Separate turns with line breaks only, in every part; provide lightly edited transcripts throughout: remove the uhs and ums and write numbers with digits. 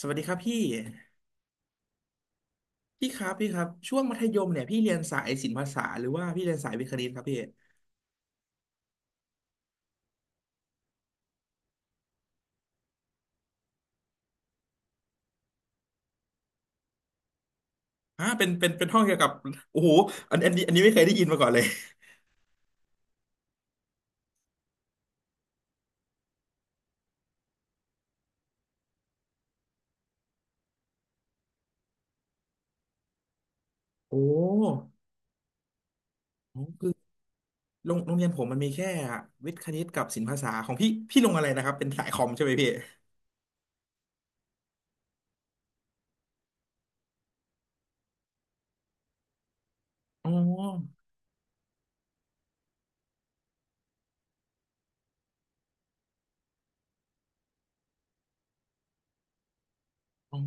สวัสดีครับพี่พี่ครับพี่ครับช่วงมัธยมเนี่ยพี่เรียนสายศิลปภาษาหรือว่าพี่เรียนสายวิทย์คณิตครับพี่ฮะเป็นห้องเกี่ยวกับโอ้โหอันนี้ไม่เคยได้ยินมาก่อนเลยโอ้โหคือโรงเรียนผมมันมีแค่วิทย์คณิตกับศิลปภาษาของพี่ลงอะไรนะครับเป็นสายคอมใช่ไหมพี่อ๋ออ๋อ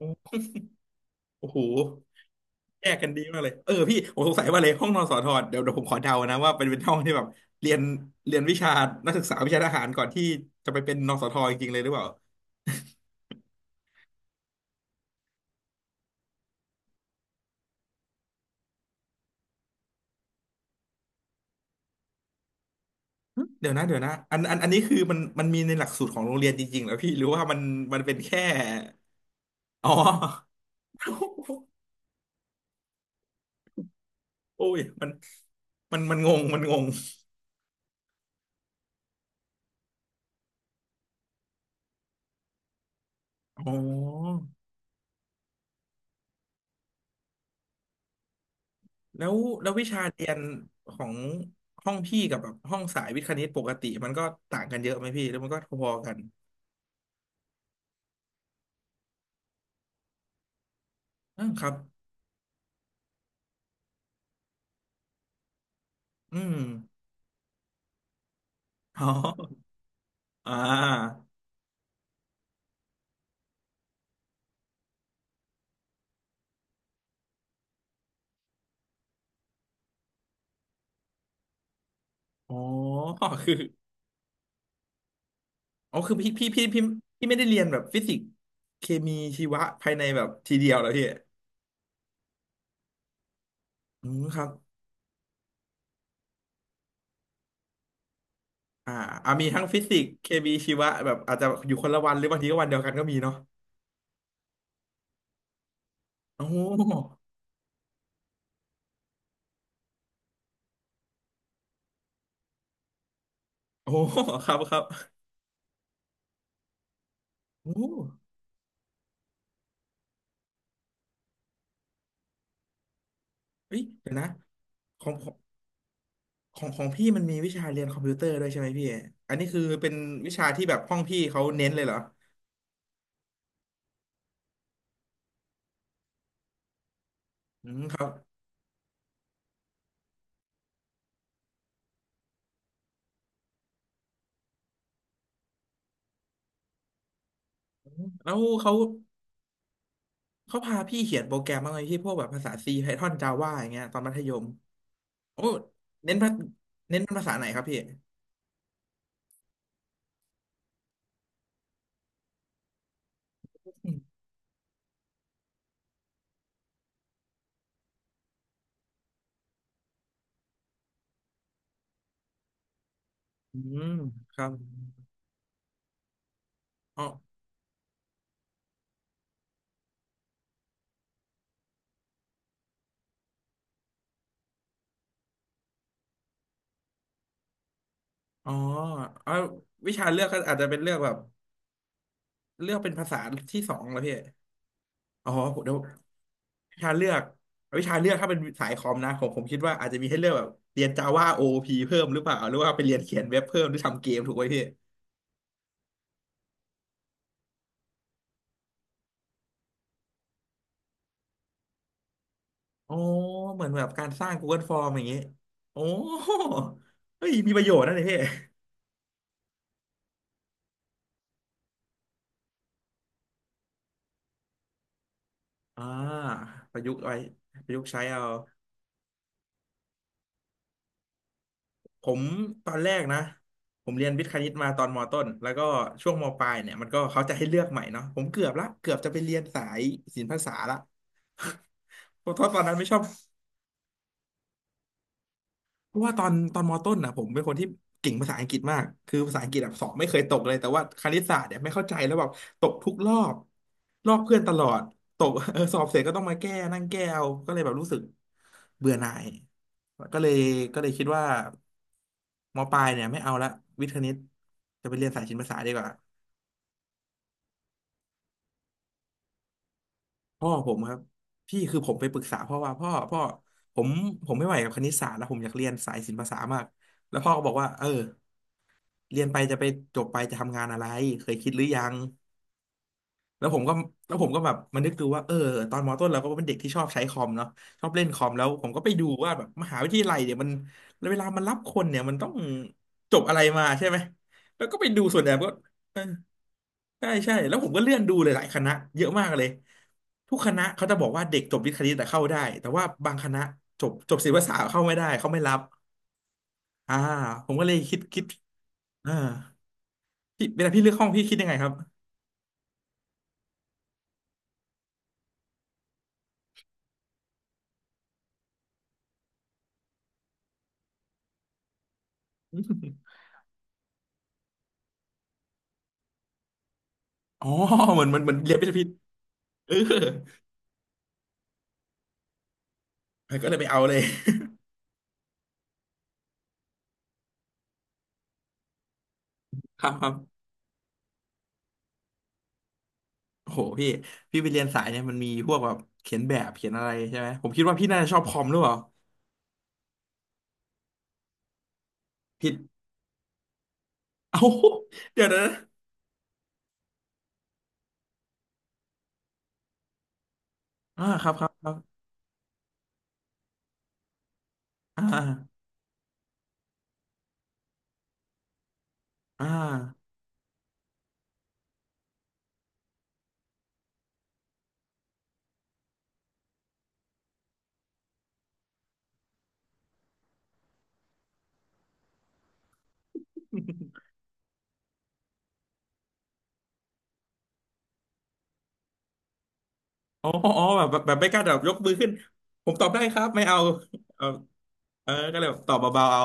อ๋อโอ้โหแยกกันดีมากเลยเออพี่ผมสงสัยว่าเลยห้องนอนสอทอเดี๋ยวผมขอเดานะว่าเป็นห้องที่แบบเรียนเรียนวิชานักศึกษาวิชาทหารก่อนที่จะไปเป็นนสทจริงๆเลยหรือเปล่า เดี๋ยวนะอันนี้คือมันมีในหลักสูตรของโรงเรียนจริงๆเหรอพี่หรือว่ามันมันเป็นแค่อ๋อ โอ้ยมันมันงงมันงงอ๋อแล้ววิชาเรียนของห้องพี่กับแบบห้องสายวิทย์คณิตปกติมันก็ต่างกันเยอะไหมพี่แล้วมันก็พอๆกันอ่าครับอืมอ๋ออ่าอ๋อคืออ๋อคือพี่พี่ไม่ได้เรียนแบบฟิสิกส์เคมีชีวะภายในแบบทีเดียวเหรอพี่ อืมครับอ่าอ่า มีทั้งฟิสิกส์เคมีชีวะ แบบอาจจะอยู่คนละวันหรือบางทีก็วันเดียวกันก็มีเนาะโอ้โหโอ้โห ครับครับ โอ้โหเฮ้ยเดี๋ยวนะของขอของพี่มันมีวิชาเรียนคอมพิวเตอร์ด้วยใช่ไหมพี่ อันนี้คือเป็นวิชาที่แบบห้องพี่เขาเน้นเลยเหรออืมครับอืมแล้วเขาพาพี่เขียนโปรแกรมบ้างไหมพี่พวกแบบภาษา C Python Java อย่างเงี้ยตอนมัธยมโอ้เน้นภาเน้นเป็นภาษาไหนครับพี่อืมครับอ๋อ อ๋อเอาวิชาเลือกก็อาจจะเป็นเลือกแบบเลือกเป็นภาษาที่สองแล้วพี่อ๋อเดี๋ยววิชาเลือกวิชาเลือกถ้าเป็นสายคอมนะผมคิดว่าอาจจะมีให้เลือกแบบเรียน Java โอ o p เพิ่มหรือเปล่าหรือว่าไปเรียนเขียนเว็บเพิ่มหรือทำเกมถูกไหมพี่อ๋อเหมือนแบบการสร้าง Google Form อย่างงี้โอ้เฮ้ยมีประโยชน์นะเนี่ยพี่อ่าประยุกต์ไว้ประยุกต์ใช้เอา ผมตอนแรกนะผมเรียนวิทย์คณิตมาตอนมต้นแล้วก็ช่วงมปลายเนี่ยมันก็เขาจะให้เลือกใหม่เนาะผมเกือบละเกือบจะไปเรียนสายศิลปภาษาละ เพราะตอนนั้นไม่ชอบ เพราะว่าตอนมอต้นอ่ะผมเป็นคนที่เก่งภาษาอังกฤษมากคือภาษาอังกฤษแบบสอบไม่เคยตกเลยแต่ว่าคณิตศาสตร์เนี่ยไม่เข้าใจแล้วแบบตกทุกรอบลอกเพื่อนตลอดตก เออสอบเสร็จก็ต้องมาแก้นั่งแก้เอาก็เลยแบบรู้สึกเบื่อหน่ายก็เลยคิดว่ามปลายเนี่ยไม่เอาละวิทย์คณิตจะไปเรียนสายศิลปศาสตร์ดีกว่าพ่อผมครับพี่คือผมไปปรึกษาพ่อว่าพ่อผมผมไม่ไหวกับคณิตศาสตร์แล้วผมอยากเรียนสายศิลปศาสตร์มากแล้วพ่อก็บอกว่าเออ เรียนไปจะไปจบไปจะทำงานอะไรเคยคิดหรือยังแล้วผมก็แบบมันนึกดูว่าเออตอนมต้นเราก็เป็นเด็กที่ชอบใช้คอมเนาะชอบเล่นคอมแล้วผมก็ไปดูว่าแบบมหาวิทยาลัยเนี่ยมันเวลามันรับคนเนี่ยมันต้องจบอะไรมาใช่ไหมแล้วก็ไปดูส่วนใหญ่ก็เออใช่ใช่แล้วผมก็เลื่อนดูหลายๆคณะเยอะมากเลยทุกคณะเขาจะบอกว่าเด็กจบวิทย์คณิตแต่เข้าได้แต่ว่าบางคณะจบศิลปศาสตร์เข้าไม่ได้เขาไม่รับอ่าผมก็เลยคิดอ่าพี่เวลาพี่เลือกห้องพี่คิดยังไงครับ อ๋อเหมือนเหมันเหมือนเรียนพิเศช่ผิดเออก็เลยไปเอาเลยครับครับโอ้โหพี่พี่ไปเรียนสายเนี่ยมันมีพวกแบบเขียนแบบเขียนอะไรใช่ไหมผมคิดว่าพี่น่าจะชอบคอมหรือเปล่าผิดเอ้าเดี๋ยวนะอ่าครับครับครับอ่าอ่าอ๋ออ๋อแบบไม่กล้าแบบยกมือขึ้นผมตอบได้ครับไม่เอาเออเออก็เลยแบบตอบเบาๆเอา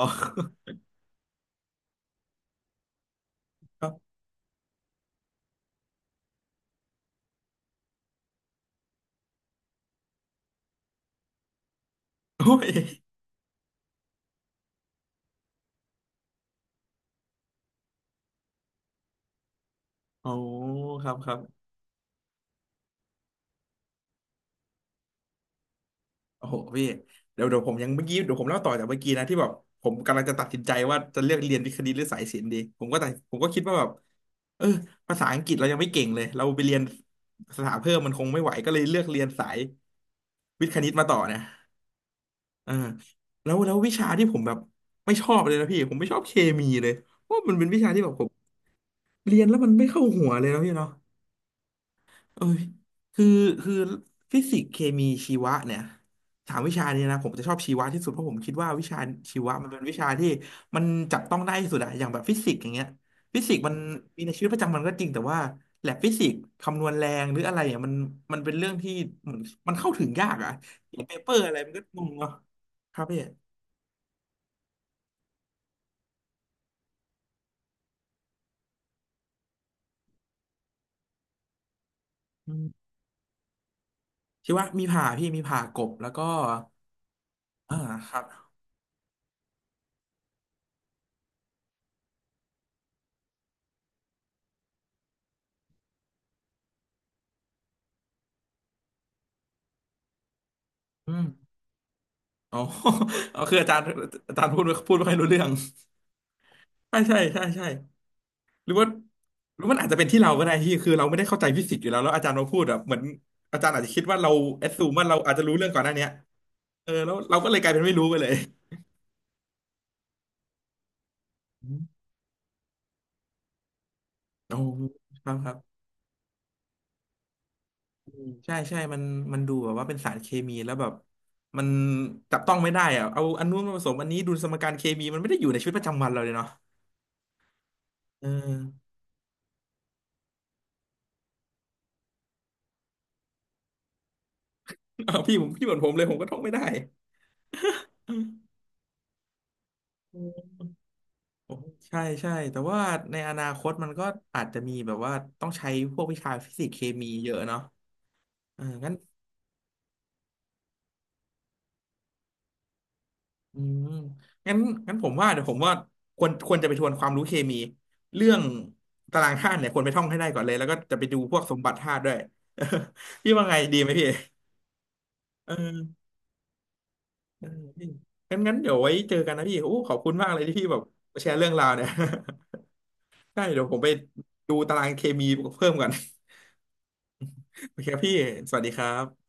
ครับโอ้ยโอ้ครับครับ โอ้โหพี่เดี๋ยวเดี๋ยวผมยังเมื่อกี้เดี๋ยวผมเล่าต่อจากเมื่อกี้นะที่แบบผมกำลังจะตัดสินใจว่าจะเลือกเรียนวิทย์คณิตหรือสายศิลป์ดีผมก็ตัดผมก็คิดว่าแบบเออภาษาอังกฤษเรายังไม่เก่งเลยเราไปเรียนสถาเพิ่มมันคงไม่ไหวก็เลยเลือกเรียนสายวิทย์คณิตมาต่อเนี่ยเออแล้ววิชาที่ผมแบบไม่ชอบเลยนะพี่ผมไม่ชอบเคมีเลยเพราะมันเป็นวิชาที่แบบผมเรียนแล้วมันไม่เข้าหัวเลยนะพี่เนาะ เอ้ยคือคือฟิสิกส์เคมีชีวะเนี่ยสามวิชานี้นะผมจะชอบชีวะที่สุดเพราะผมคิดว่าวิชาชีวะมันเป็นวิชาที่มันจับต้องได้ที่สุดอะอย่างแบบฟิสิกส์อย่างเงี้ยฟิสิกส์มันมีในชีวิตประจำวันก็จริงแต่ว่าแลบฟิสิกส์คำนวณแรงหรืออะไรอ่ะมันเป็นเรื่องที่เหมือนมันเข้าถึงยากอะอย่างเปเปอร์อะไรมันก็งงเนาะครับพี่อืมชีวะมีผ่าพี่มีผ่ากบแล้วก็อ่าครับอืมอ๋อ อ๋อคืออาจารย์อาจารย์พูดไม่พูดไม่ค่อยรู้เรื่อง ใช่ใช่ใช่ใช่หรือว่าหรือมันอาจจะเป็นที่เราก็ได้ที่คือเราไม่ได้เข้าใจฟิสิกส์อยู่แล้วแล้วอาจารย์มาพูดแบบเหมือนอาจารย์อาจจะคิดว่าเราแอดซูมว่าเราอาจจะรู้เรื่องก่อนหน้าเนี้ยเออแล้วเราก็เลยกลายเป็นไม่รู้ไปเลย อืมโอ้ครับครับอืมใช่ใช่มันมันดูแบบว่าเป็นสารเคมีแล้วแบบมันจับต้องไม่ได้อะเอาอันนู้นมาผสมอันนี้ดูสมการเคมีมันไม่ได้อยู่ในชีวิตประจำวันเราเลยเนาะเออ เอาพี่ผมพี่เหมือนผมเลยผมก็ท่องไม่ได้ โอ้ใช่ใช่แต่ว่าในอนาคตมันก็อาจจะมีแบบว่าต้องใช้พวกวิชาฟิสิกส์เคมีเยอะเนาะเอองั้นอืมงั้นงั้นผมว่าเดี๋ยวผมว่าควรจะไปทวนความรู้เคมีเรื่องตารางธาตุเนี่ยควรไปท่องให้ได้ก่อนเลยแล้วก็จะไปดูพวกสมบัติธาตุด้วย พี่ว่าไงดีไหมพี่เออเออพี่งั้นเดี๋ยวไว้เจอกันนะพี่โอ้ขอบคุณมากเลยที่พี่แบบแชร์เรื่องราวเนี่ย ได้เดี๋ยวผมไปดูตารางเคมีเพิ่มก่อน โอเคครับพี่สวัสดีครับ